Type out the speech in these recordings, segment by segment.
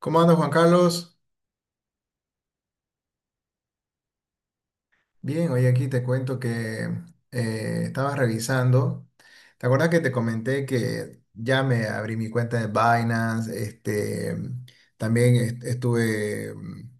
¿Cómo andas, Juan Carlos? Bien, hoy aquí te cuento que estaba revisando. ¿Te acuerdas que te comenté que ya me abrí mi cuenta de Binance? También estuve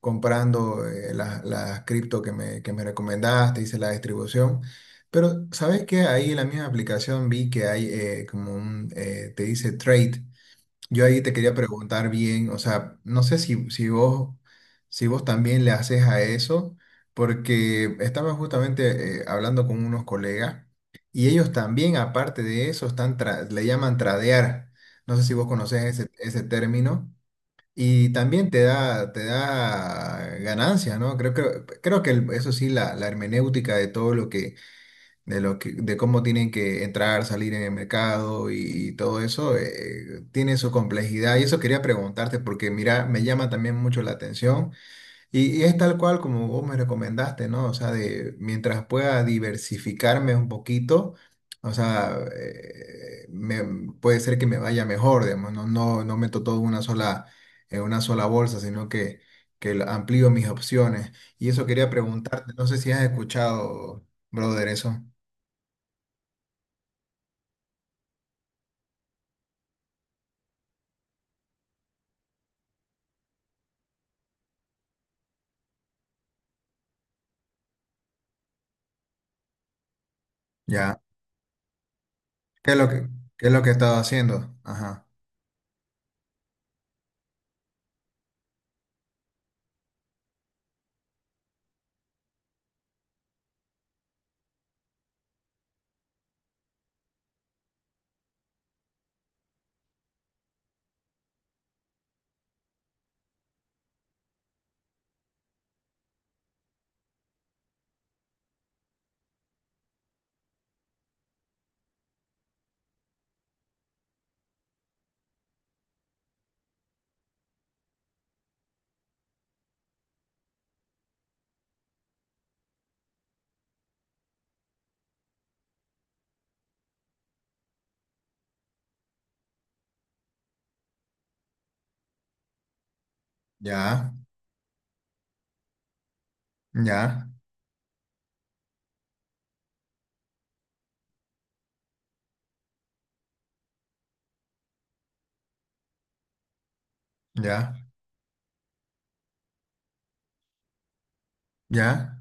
comprando las cripto que me recomendaste, hice la distribución. Pero, ¿sabes qué? Ahí en la misma aplicación vi que hay como un, te dice trade. Yo ahí te quería preguntar bien, o sea, no sé si vos, si vos también le haces a eso, porque estaba justamente hablando con unos colegas y ellos también, aparte de eso, están le llaman tradear. No sé si vos conocés ese término. Y también te da ganancias, ¿no? Creo que eso sí, la hermenéutica de todo lo que de cómo tienen que entrar, salir en el mercado y todo eso, tiene su complejidad. Y eso quería preguntarte porque, mira, me llama también mucho la atención y es tal cual como vos me recomendaste, ¿no? O sea, de mientras pueda diversificarme un poquito. O sea, puede ser que me vaya mejor, digamos, no meto todo en una sola bolsa, sino amplío mis opciones. Y eso quería preguntarte, no sé si has escuchado, brother, eso. Ya. ¿Qué es lo que, qué es lo que he estado haciendo? Ajá. Ya, ya, ya, ya,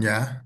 ya.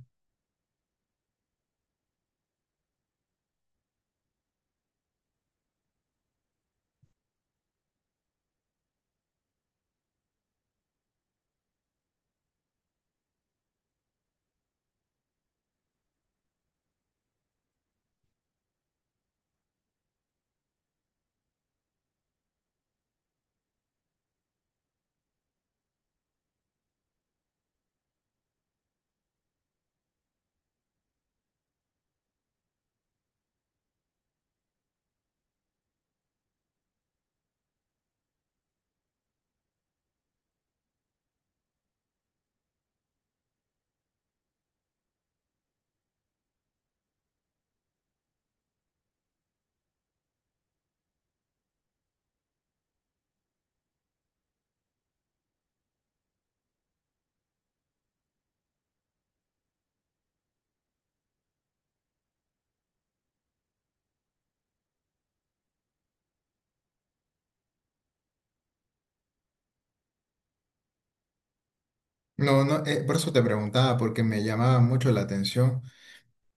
No, no, por eso te preguntaba, porque me llamaba mucho la atención.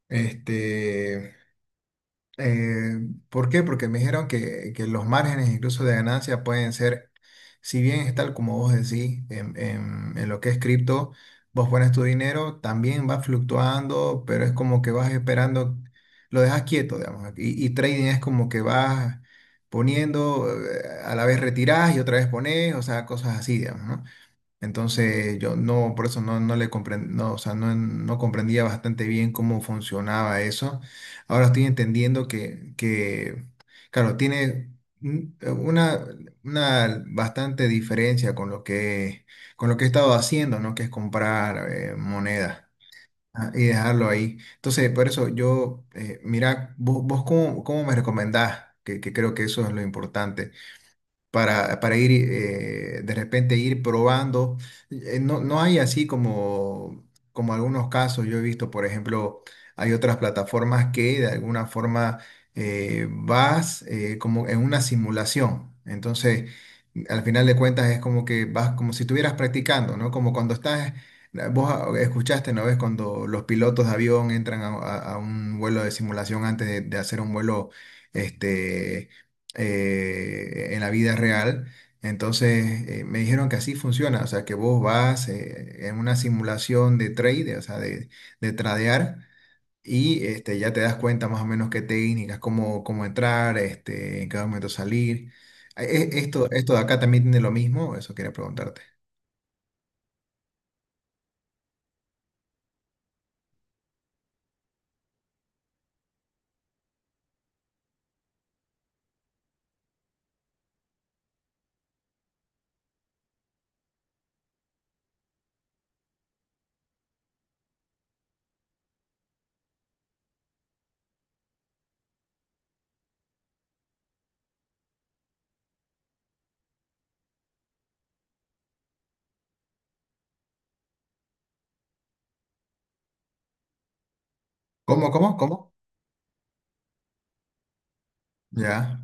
Este. Eh, ¿Por qué? Porque me dijeron que los márgenes incluso de ganancia pueden ser, si bien es tal como vos decís, en lo que es cripto, vos pones tu dinero, también va fluctuando, pero es como que vas esperando, lo dejas quieto, digamos, y trading es como que vas poniendo, a la vez retirás y otra vez pones, o sea, cosas así, digamos, ¿no? Entonces yo no, por eso no, no le comprendía, no, o sea, no, no comprendía bastante bien cómo funcionaba eso. Ahora estoy entendiendo que claro, tiene un- una, una bastante diferencia con lo que he estado haciendo, ¿no? Que es comprar moneda ah, y dejarlo ahí. Entonces, por eso yo, mira, vos cómo, cómo me recomendás, que creo que eso es lo importante para ir de repente ir probando. No, no hay así como, como algunos casos, yo he visto, por ejemplo, hay otras plataformas que de alguna forma vas como en una simulación. Entonces, al final de cuentas es como que vas como si estuvieras practicando, ¿no? Como cuando estás... Vos ah, escuchaste, ¿no ves? Cuando los pilotos de avión entran a un vuelo de simulación antes de hacer un vuelo, este, en la vida real. Entonces me dijeron que así funciona, o sea, que vos vas en una simulación de trade, o sea, de tradear, y este, ya te das cuenta más o menos qué técnicas, cómo, cómo entrar, este, en cada momento salir. Esto, esto de acá también tiene lo mismo, eso quería preguntarte. ¿Cómo, cómo, cómo? Ya,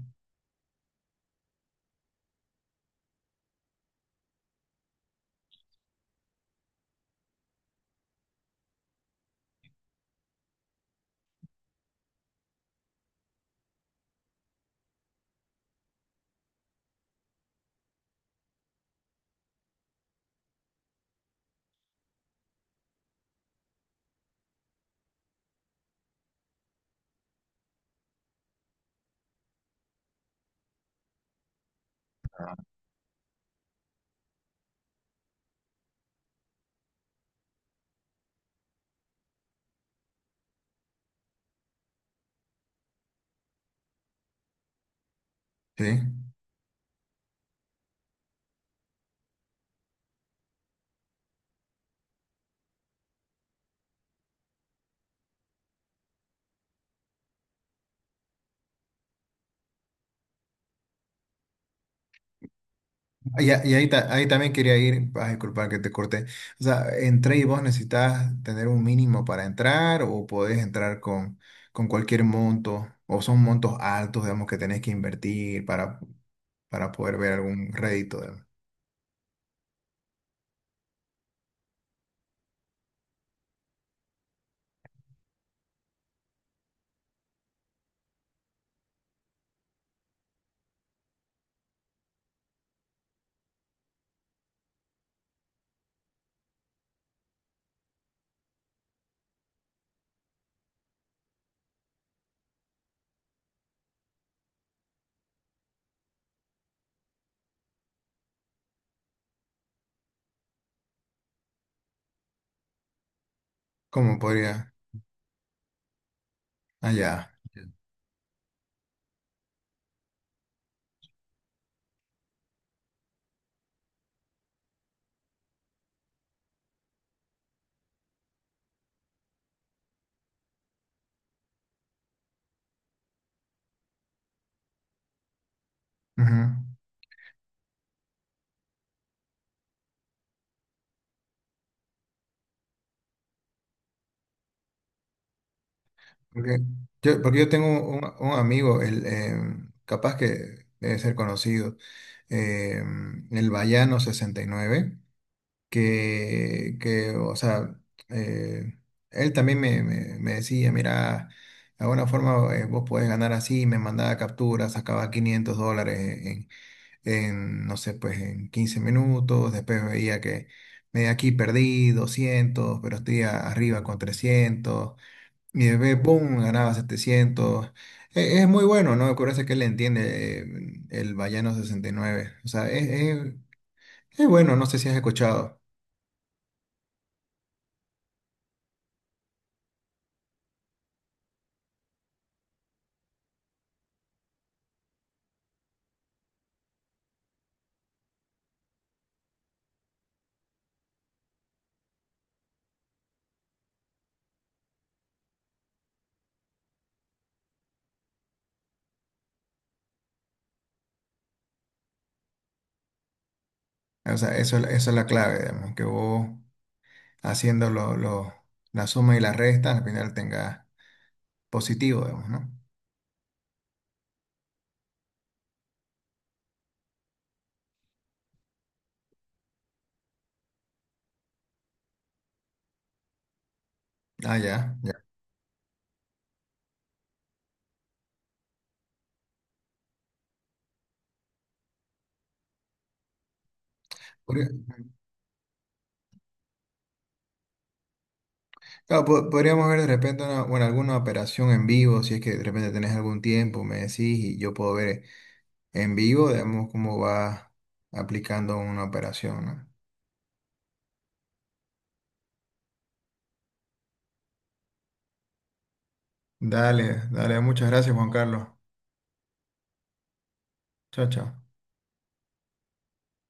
sí. Y, y ahí, ahí también quería ir, ah, disculpa que te corté. O sea, entré y vos necesitas tener un mínimo para entrar o podés entrar con cualquier monto o son montos altos, digamos, que tenés que invertir para poder ver algún rédito, digamos. ¿Cómo podría? Allá. Porque porque yo tengo un amigo, él, capaz que debe ser conocido, el Bayano 69. Que, o sea, eh, él también me decía, mira, de alguna forma vos podés ganar así, me mandaba capturas, sacaba $500 en, en, no sé, pues en 15 minutos, después veía que me aquí perdí 200 pero estoy arriba con 300 y después, ¡pum!, ganaba 700. Es muy bueno, ¿no? Me parece que él entiende el Vallano 69. O sea, es bueno, no sé si has escuchado. O sea, eso es la clave, digamos, que vos haciendo la suma y la resta, al final tengas positivo, digamos, ¿no? Ah, ya, ya. Podría- claro, podríamos ver de repente una, bueno, alguna operación en vivo, si es que de repente tenés algún tiempo, me decís, y yo puedo ver en vivo, digamos, cómo va aplicando una operación, ¿no? Dale, dale, muchas gracias, Juan Carlos. Chao, chao.